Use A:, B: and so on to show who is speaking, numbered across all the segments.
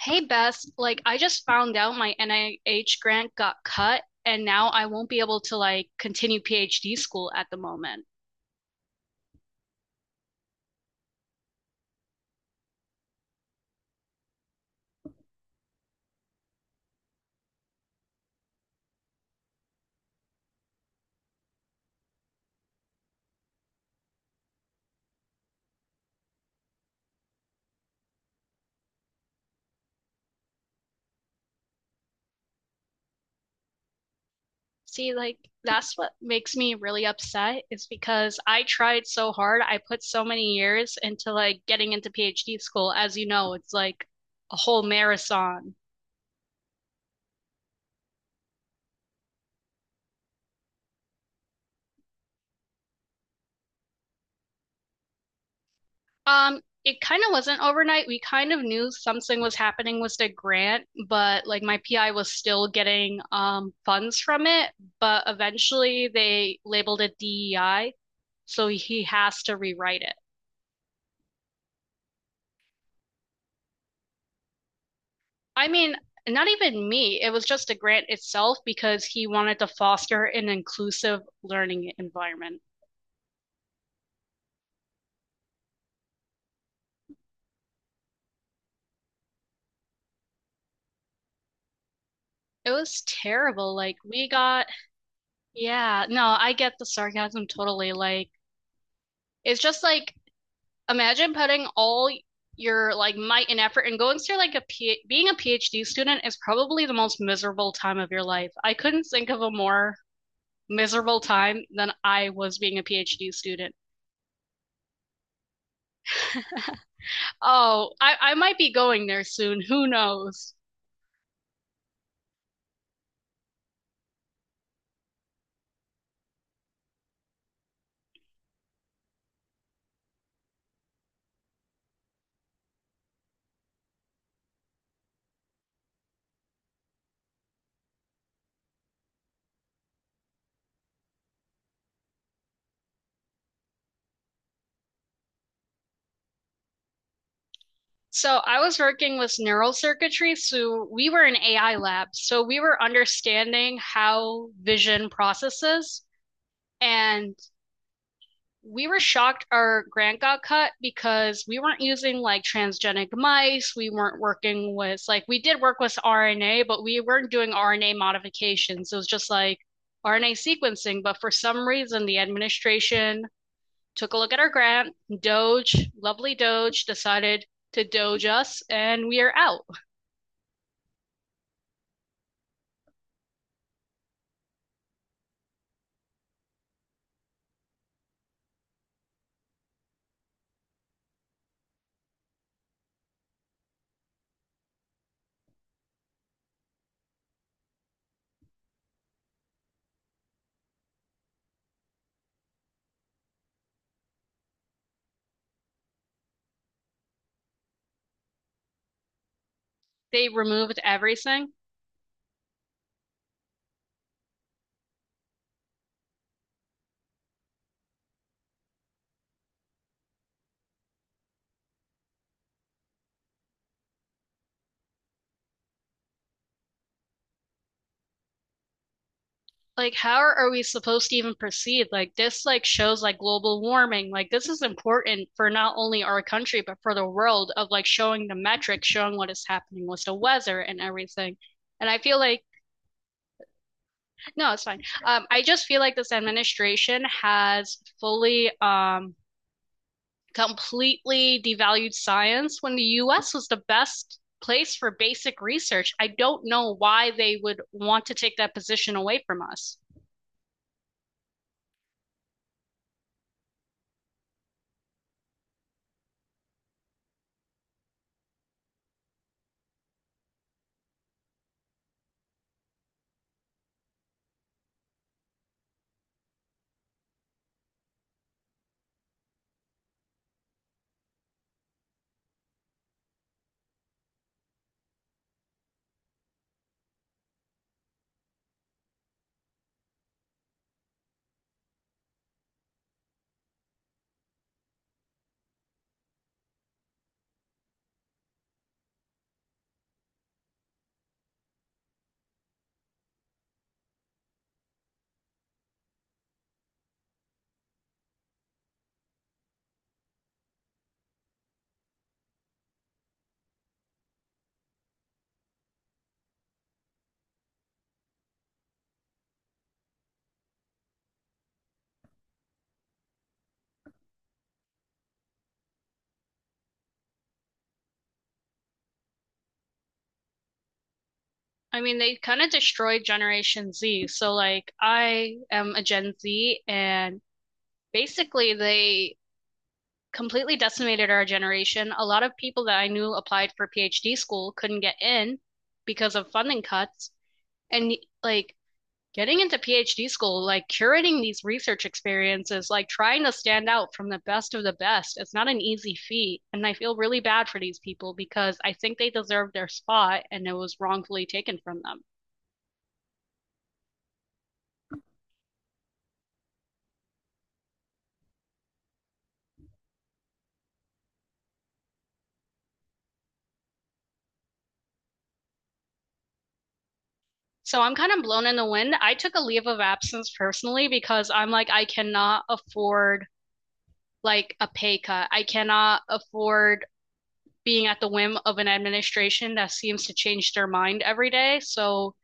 A: Hey Beth, I just found out my NIH grant got cut, and now I won't be able to continue PhD school at the moment. See, like, that's what makes me really upset is because I tried so hard. I put so many years into getting into PhD school. As you know, it's like a whole marathon. It kind of wasn't overnight. We kind of knew something was happening with the grant, but like my PI was still getting funds from it, but eventually they labeled it DEI, so he has to rewrite it. I mean, not even me. It was just the grant itself because he wanted to foster an inclusive learning environment. It was terrible. Like, yeah, no, I get the sarcasm totally. Like, it's just like, imagine putting all your like might and effort and going through like a P being a PhD student is probably the most miserable time of your life. I couldn't think of a more miserable time than I was being a PhD student. Oh, I might be going there soon. Who knows? So I was working with neural circuitry, so we were in AI lab. So we were understanding how vision processes, and we were shocked our grant got cut because we weren't using like transgenic mice. We weren't working with like we did work with RNA, but we weren't doing RNA modifications. It was just like RNA sequencing. But for some reason, the administration took a look at our grant. Doge, lovely Doge, decided to Doge us, and we are out. They removed everything. Like, how are we supposed to even proceed? Like, this like shows like global warming. Like, this is important for not only our country but for the world of like showing the metrics, showing what is happening with the weather and everything. And I feel like no, it's fine. I just feel like this administration has fully, completely devalued science when the U.S. was the best place for basic research. I don't know why they would want to take that position away from us. I mean, they kind of destroyed Generation Z. So, like, I am a Gen Z, and basically, they completely decimated our generation. A lot of people that I knew applied for PhD school couldn't get in because of funding cuts. And, like, getting into PhD school, like, curating these research experiences, like, trying to stand out from the best of the best, it's not an easy feat. And I feel really bad for these people because I think they deserve their spot, and it was wrongfully taken from them. So I'm kind of blown in the wind. I took a leave of absence personally because I'm like, I cannot afford like a pay cut. I cannot afford being at the whim of an administration that seems to change their mind every day. So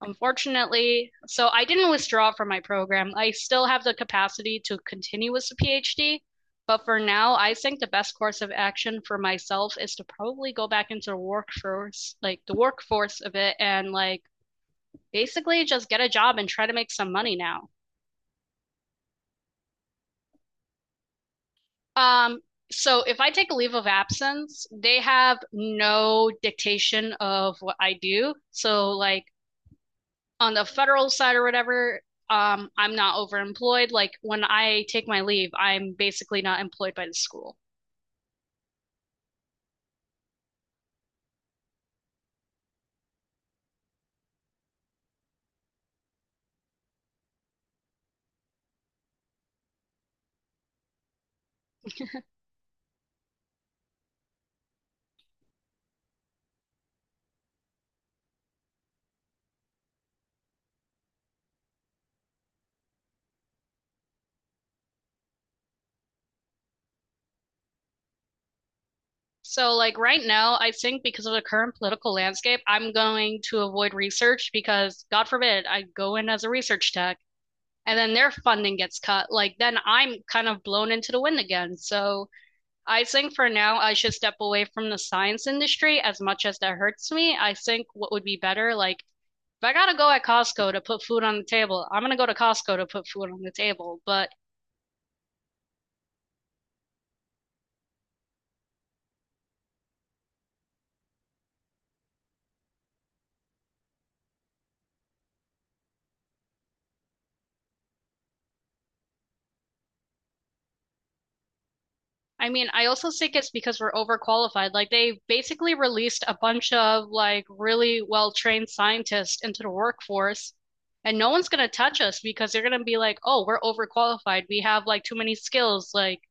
A: unfortunately, so I didn't withdraw from my program. I still have the capacity to continue with the PhD, but for now, I think the best course of action for myself is to probably go back into the workforce, like the workforce of it, and like basically just get a job and try to make some money now. Um, so if I take a leave of absence, they have no dictation of what I do. So like on the federal side or whatever, I'm not overemployed. Like when I take my leave, I'm basically not employed by the school. So like right now, I think because of the current political landscape, I'm going to avoid research because God forbid I go in as a research tech and then their funding gets cut, like then I'm kind of blown into the wind again. So I think for now I should step away from the science industry as much as that hurts me. I think what would be better, like if I gotta go at Costco to put food on the table, I'm gonna go to Costco to put food on the table. But I mean, I also think it's because we're overqualified. Like they basically released a bunch of like really well-trained scientists into the workforce, and no one's gonna touch us because they're gonna be like, "Oh, we're overqualified. We have like too many skills. Like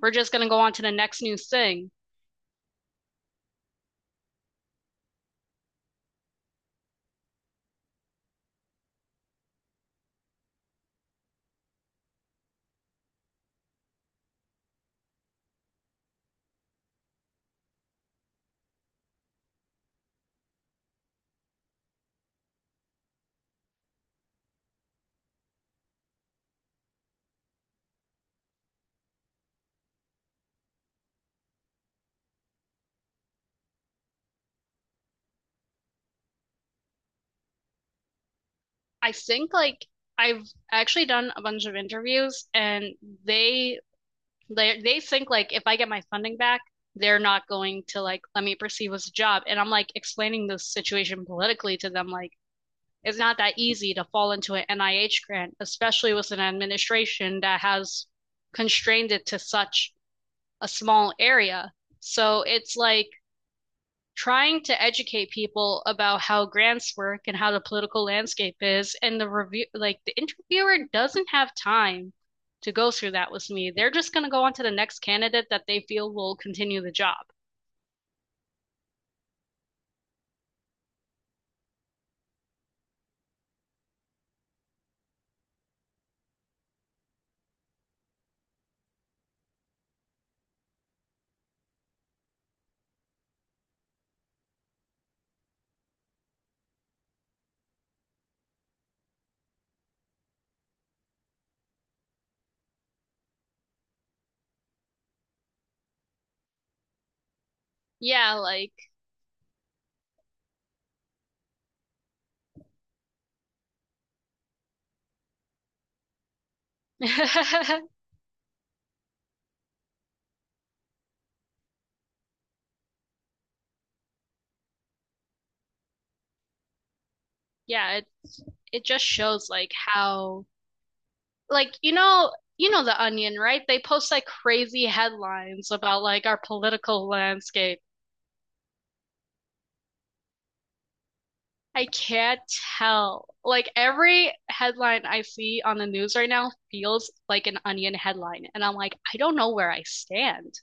A: we're just gonna go on to the next new thing." I think like I've actually done a bunch of interviews, and they they think like if I get my funding back, they're not going to like let me proceed with the job. And I'm like explaining this situation politically to them, like it's not that easy to fall into an NIH grant, especially with an administration that has constrained it to such a small area. So it's like trying to educate people about how grants work and how the political landscape is. And the review, like the interviewer doesn't have time to go through that with me. They're just going to go on to the next candidate that they feel will continue the job. Yeah, like, yeah, it just shows like how like you know the Onion, right? They post like crazy headlines about like our political landscape. I can't tell. Like every headline I see on the news right now feels like an Onion headline, and I'm like, I don't know where I stand.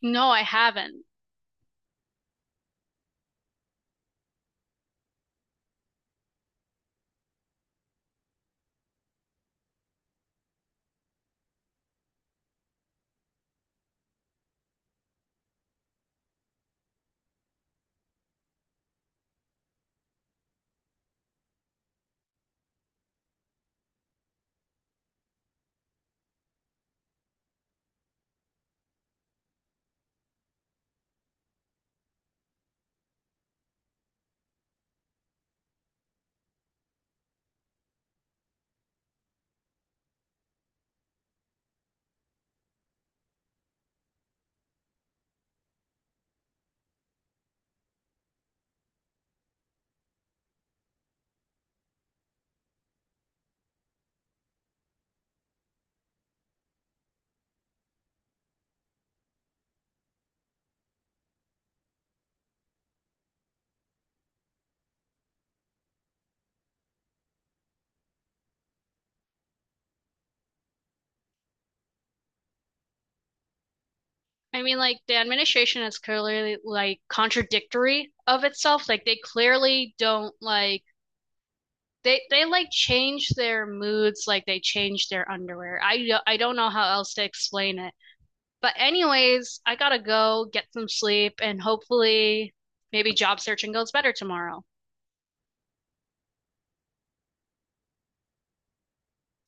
A: No, I haven't. I mean, like the administration is clearly like contradictory of itself. Like they clearly don't like they like change their moods like they change their underwear. I don't know how else to explain it. But anyways, I gotta go get some sleep and hopefully maybe job searching goes better tomorrow.